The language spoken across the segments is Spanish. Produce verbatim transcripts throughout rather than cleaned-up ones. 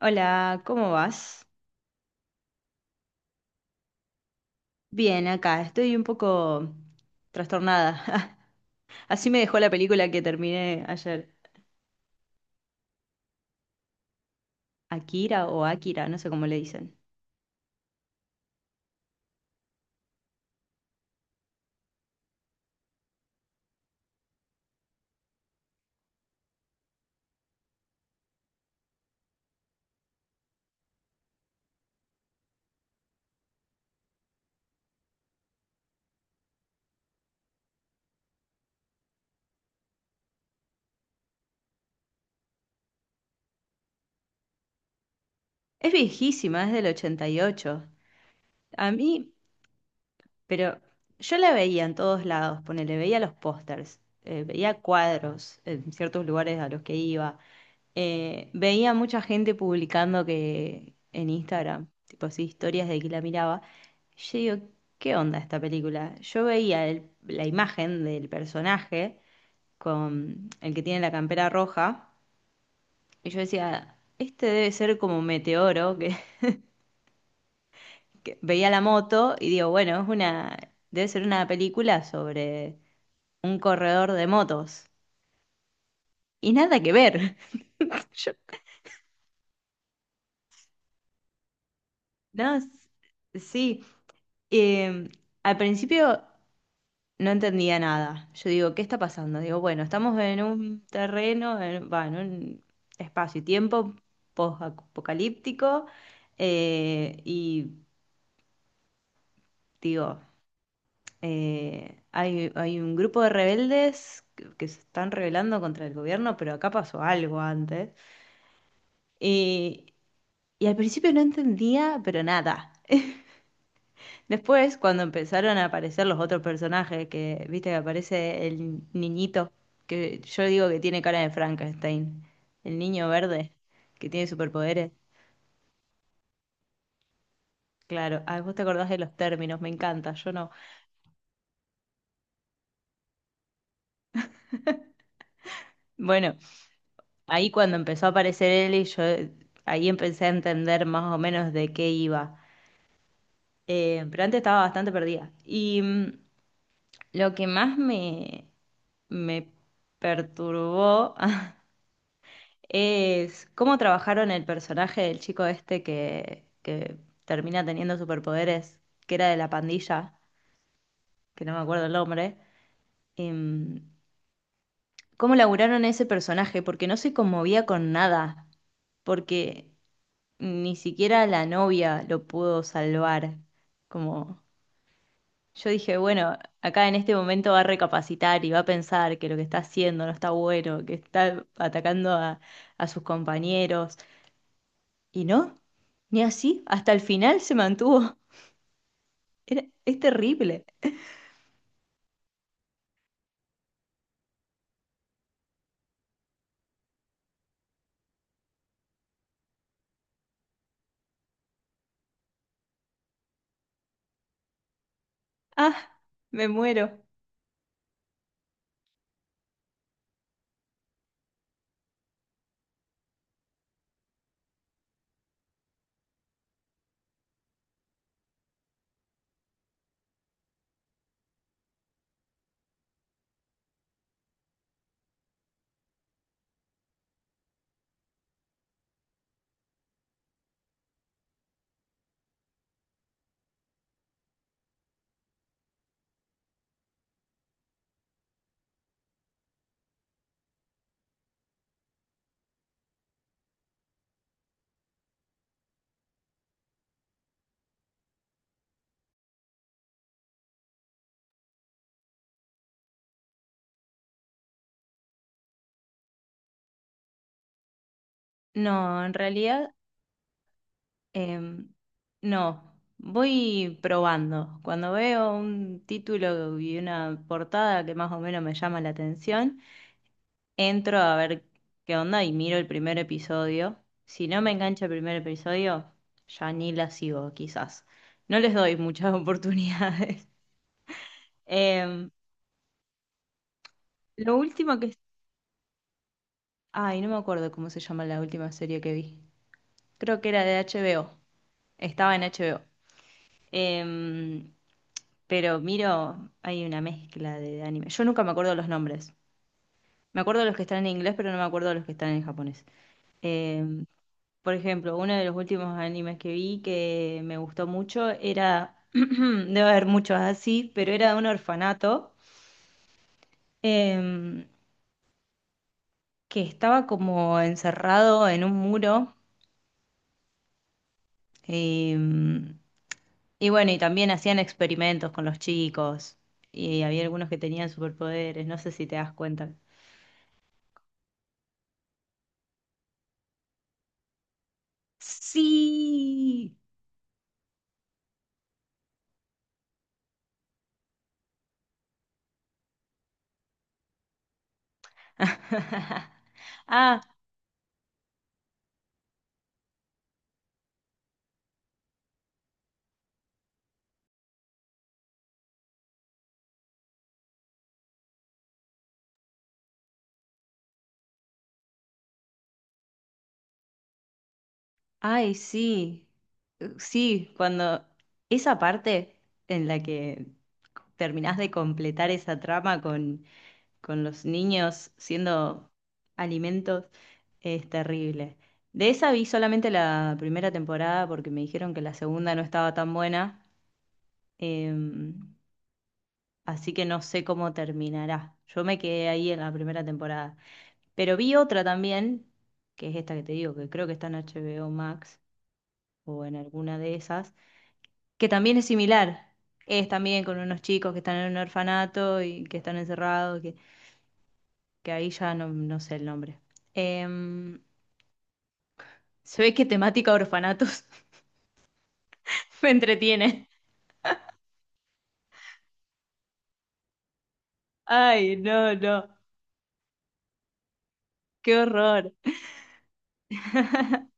Hola, ¿cómo vas? Bien, acá estoy un poco trastornada. Así me dejó la película que terminé ayer. Akira o Akira, no sé cómo le dicen. Es viejísima, es del ochenta y ocho. A mí pero yo la veía en todos lados, ponele, veía los pósters, eh, veía cuadros en ciertos lugares a los que iba, eh, veía mucha gente publicando que en Instagram, tipo así, historias de que la miraba. Yo digo, ¿qué onda esta película? Yo veía el- la imagen del personaje con el que tiene la campera roja y yo decía, este debe ser como meteoro que, que veía la moto y digo, bueno, es una, debe ser una película sobre un corredor de motos. Y nada que ver. Yo, no, s- sí. Eh, Al principio no entendía nada. Yo digo, ¿qué está pasando? Digo, bueno, estamos en un terreno, en, va, en un espacio y tiempo post-apocalíptico. eh, y digo, eh, hay, hay un grupo de rebeldes que, que se están rebelando contra el gobierno, pero acá pasó algo antes. Y, y al principio no entendía, pero nada. Después, cuando empezaron a aparecer los otros personajes, que viste que aparece el niñito, que yo digo que tiene cara de Frankenstein, el niño verde, que tiene superpoderes. Claro, ah, vos te acordás de los términos, me encanta, yo no. Bueno, ahí cuando empezó a aparecer él y yo ahí empecé a entender más o menos de qué iba. Eh, pero antes estaba bastante perdida. Y mm, lo que más me, me perturbó es cómo trabajaron el personaje del chico este que, que termina teniendo superpoderes, que era de la pandilla, que no me acuerdo el nombre. Em, Cómo laburaron ese personaje, porque no se conmovía con nada, porque ni siquiera la novia lo pudo salvar. Como yo dije, bueno, acá en este momento va a recapacitar y va a pensar que lo que está haciendo no está bueno, que está atacando a a sus compañeros. Y no, ni así, hasta el final se mantuvo. Era- es terrible. Ah, me muero. No, en realidad, em, no. Voy probando. Cuando veo un título y una portada que más o menos me llama la atención, entro a ver qué onda y miro el primer episodio. Si no me engancha el primer episodio, ya ni la sigo, quizás. No les doy muchas oportunidades. Em, lo último que Ay, no me acuerdo cómo se llama la última serie que vi. Creo que era de H B O. Estaba en H B O. Em, pero miro, hay una mezcla de anime. Yo nunca me acuerdo los nombres. Me acuerdo de los que están en inglés, pero no me acuerdo de los que están en japonés. Em, por ejemplo, uno de los últimos animes que vi que me gustó mucho era, debe haber muchos así, pero era de un orfanato em, que estaba como encerrado en un muro. em, Y bueno, y también hacían experimentos con los chicos. Y había algunos que tenían superpoderes, no sé si te das cuenta. Sí. Ah, ay, sí. Uh, sí, cuando esa parte en la que terminás de completar esa trama con, con los niños siendo alimentos es terrible. De esa vi solamente la primera temporada porque me dijeron que la segunda no estaba tan buena. Em, Así que no sé cómo terminará. Yo me quedé ahí en la primera temporada. Pero vi otra también, que es esta que te digo, que creo que está en H B O Max o en alguna de esas, que también es similar. Es también con unos chicos que están en un orfanato y que están encerrados, que, que ahí ya no, no sé el nombre. Em, Se ve que temática orfanatos me entretiene. Ay, no, no, qué horror.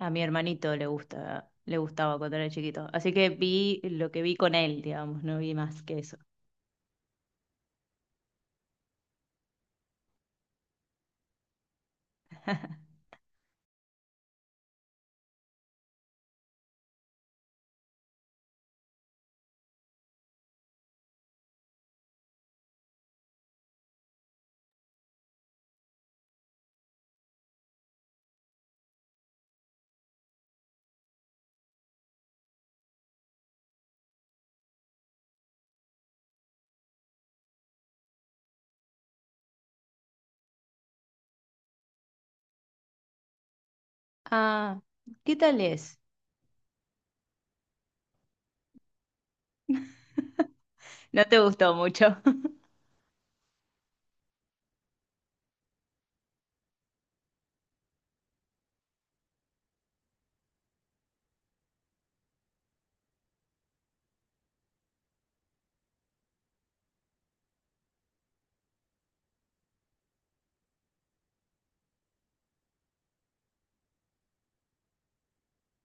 A mi hermanito le gusta, le gustaba cuando era chiquito. Así que vi lo que vi con él, digamos, no vi más que eso. Ah, ¿qué tal es? No te gustó mucho.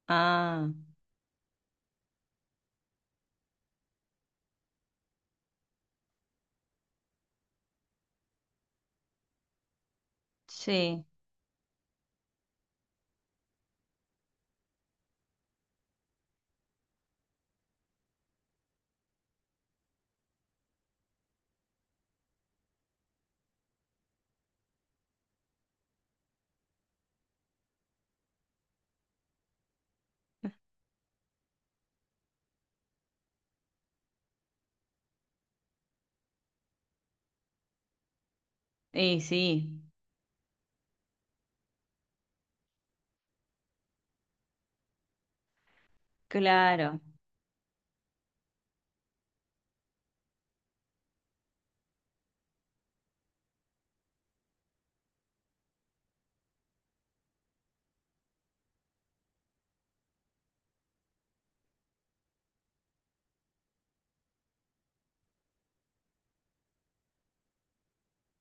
Ah, sí, y sí, claro,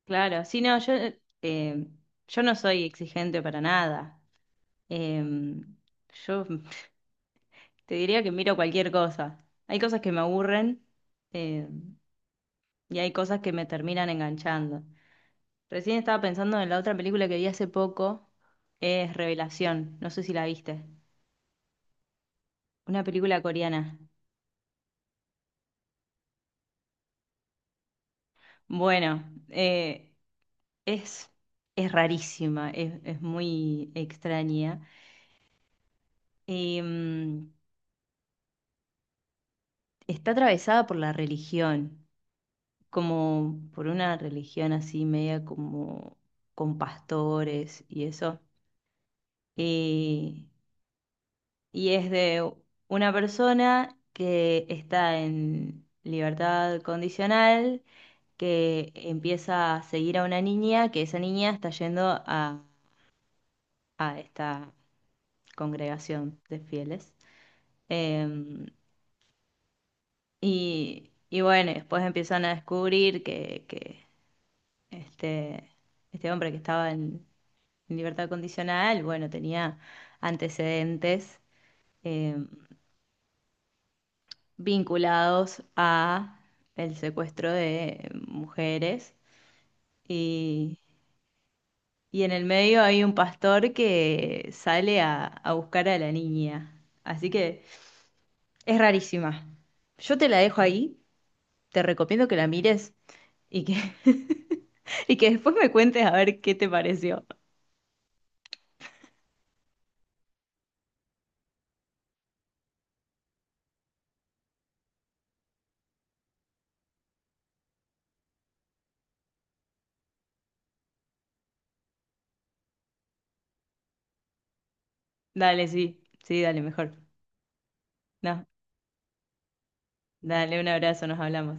claro. Sí, no, yo, eh, yo no soy exigente para nada. Em, yo te diría que miro cualquier cosa. Hay cosas que me aburren, em, y hay cosas que me terminan enganchando. Recién estaba pensando en la otra película que vi hace poco, es Revelación, no sé si la viste, una película coreana. Bueno, eh, es, es rarísima, es, es muy extraña. Em, Está atravesada por la religión, como por una religión así media como con pastores y eso. Eh, y es de una persona que está en libertad condicional que empieza a seguir a una niña, que esa niña está yendo a, a esta congregación de fieles. Em, y, y bueno, y después empiezan a descubrir que, que este, este hombre que estaba en, en libertad condicional, bueno, tenía antecedentes em, vinculados a el secuestro de mujeres. Y en el medio hay un pastor que sale a, a buscar a la niña. Así que es rarísima. Yo te la dejo ahí, te recomiendo que la mires y que, y que después me cuentes a ver qué te pareció. Dale, sí, sí, dale, mejor. No, dale un abrazo, nos hablamos.